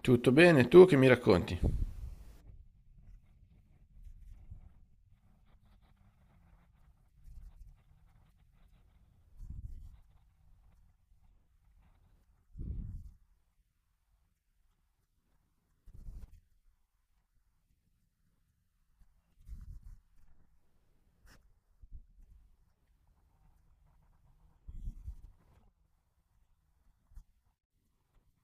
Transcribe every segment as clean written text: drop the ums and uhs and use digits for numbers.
Tutto bene, tu che mi racconti?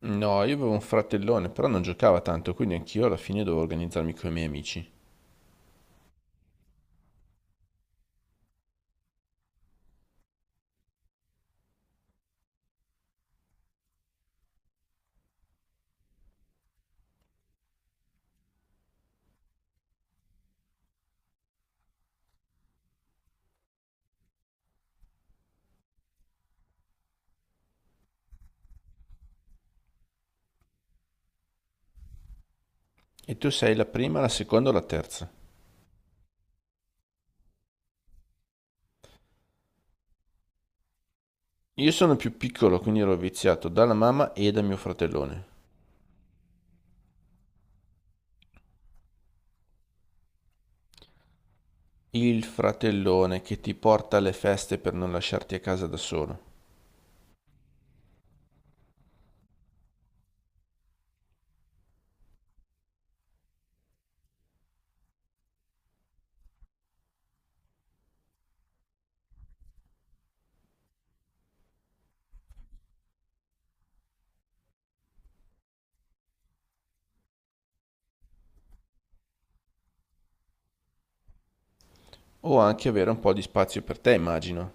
No, io avevo un fratellone, però non giocava tanto, quindi anch'io alla fine dovevo organizzarmi con i miei amici. E tu sei la prima, la seconda o la terza? Io sono più piccolo, quindi ero viziato dalla mamma e da mio fratellone. Il fratellone che ti porta alle feste per non lasciarti a casa da solo. O anche avere un po' di spazio per te, immagino.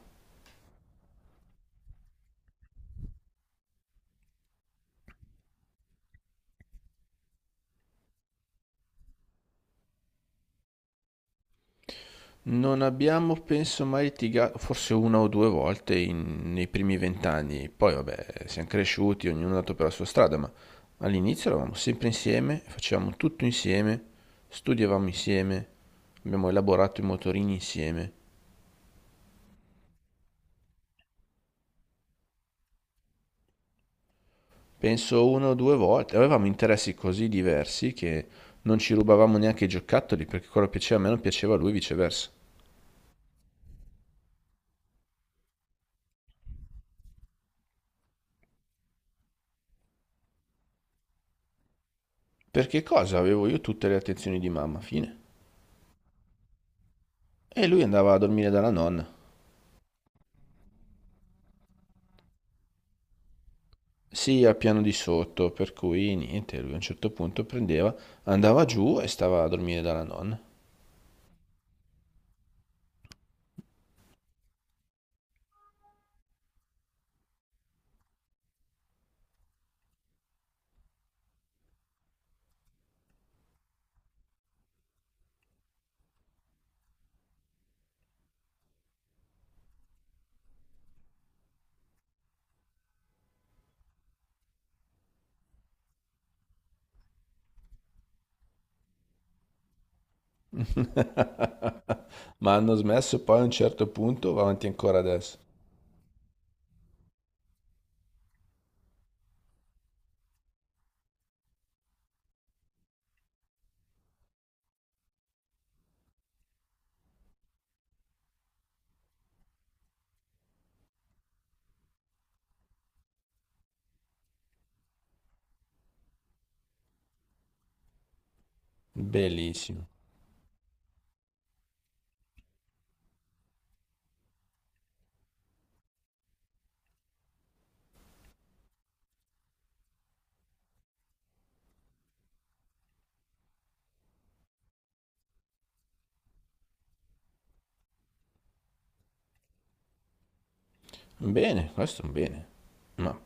Non abbiamo, penso, mai litigato, forse una o due volte nei primi 20 anni. Poi, vabbè, siamo cresciuti, ognuno è andato per la sua strada, ma all'inizio eravamo sempre insieme, facevamo tutto insieme, studiavamo insieme, abbiamo elaborato i motorini insieme. Penso una o due volte. Avevamo interessi così diversi che non ci rubavamo neanche i giocattoli, perché quello che piaceva a me non piaceva a lui, viceversa. Perché cosa? Avevo io tutte le attenzioni di mamma, fine. E lui andava a dormire dalla nonna. Sì, al piano di sotto, per cui niente, lui a un certo punto prendeva, andava giù e stava a dormire dalla nonna. Ma hanno smesso poi a un certo punto, va avanti ancora adesso. Bellissimo. Bene, questo è un bene. Ma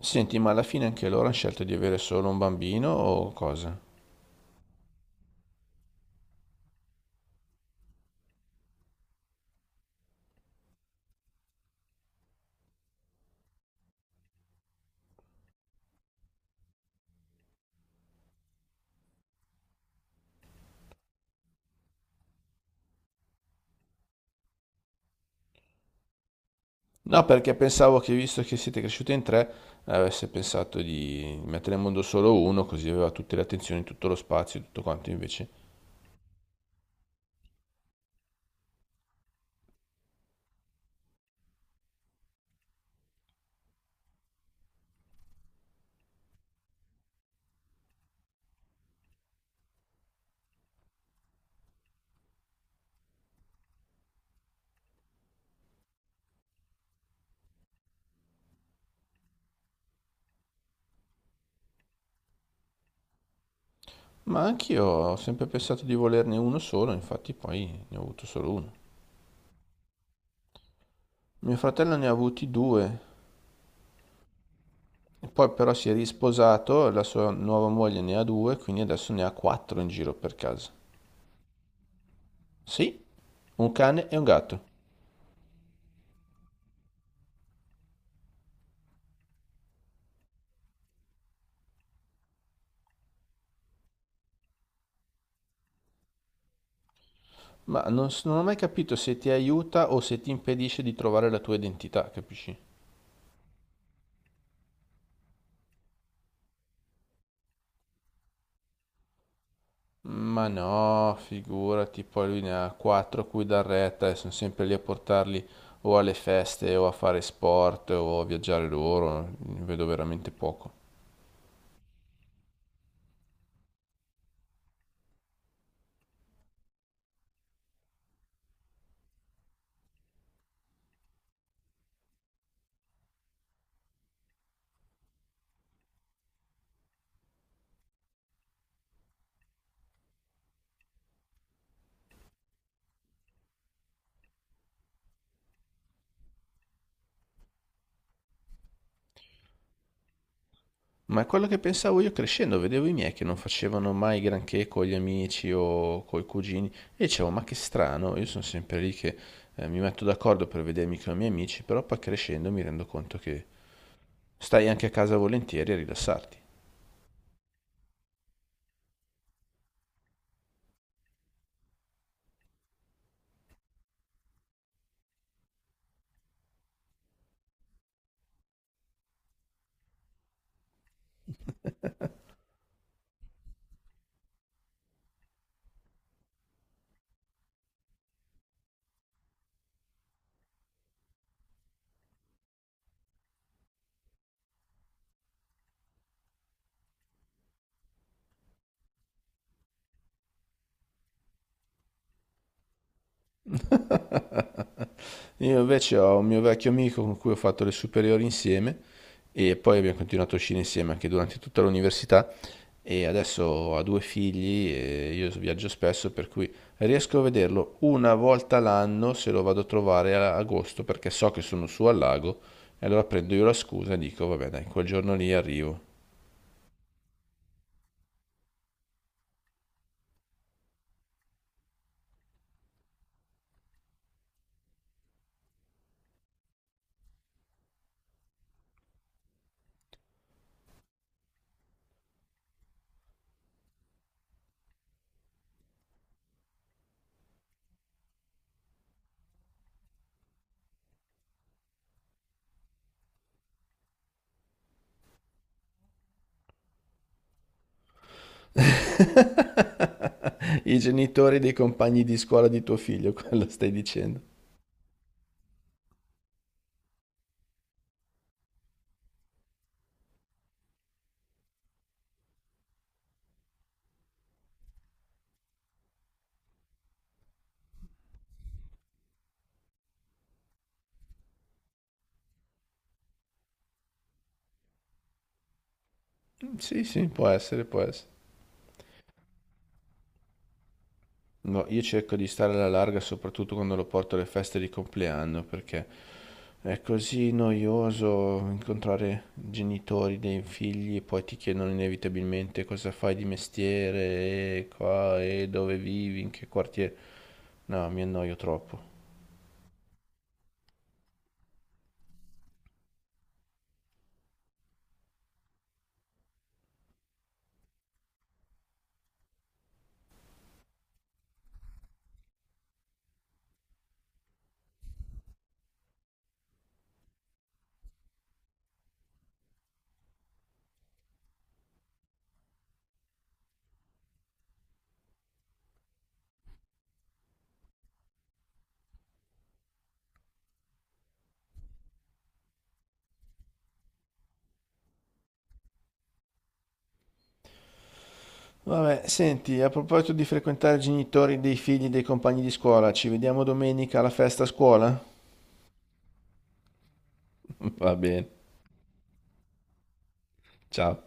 senti, ma alla fine anche loro hanno scelto di avere solo un bambino o cosa? No, perché pensavo che visto che siete cresciute in tre, avesse pensato di mettere in mondo solo uno, così aveva tutte le attenzioni, tutto lo spazio, tutto quanto, invece. Ma anch'io ho sempre pensato di volerne uno solo, infatti poi ne ho avuto solo uno. Mio fratello ne ha avuti due, e poi però si è risposato, la sua nuova moglie ne ha due, quindi adesso ne ha quattro in giro per casa. Sì, un cane e un gatto. Ma non, non ho mai capito se ti aiuta o se ti impedisce di trovare la tua identità, capisci? Ma no, figurati, poi lui ne ha quattro a cui dar retta e sono sempre lì a portarli o alle feste o a fare sport o a viaggiare loro, ne vedo veramente poco. Ma è quello che pensavo io crescendo, vedevo i miei che non facevano mai granché con gli amici o con i cugini e dicevo, ma che strano, io sono sempre lì che mi metto d'accordo per vedermi con i miei amici, però poi crescendo mi rendo conto che stai anche a casa volentieri a rilassarti. Io invece ho un mio vecchio amico con cui ho fatto le superiori insieme e poi abbiamo continuato a uscire insieme anche durante tutta l'università e adesso ha due figli e io viaggio spesso per cui riesco a vederlo una volta l'anno se lo vado a trovare a agosto perché so che sono su al lago e allora prendo io la scusa e dico vabbè dai, quel giorno lì arrivo. I genitori dei compagni di scuola di tuo figlio, quello stai dicendo? Sì, sì, può essere, può essere. No, io cerco di stare alla larga soprattutto quando lo porto alle feste di compleanno perché è così noioso incontrare genitori dei figli e poi ti chiedono inevitabilmente cosa fai di mestiere e qua e dove vivi, in che quartiere. No, mi annoio troppo. Vabbè, senti, a proposito di frequentare i genitori dei figli dei compagni di scuola, ci vediamo domenica alla festa a scuola? Va bene, ciao.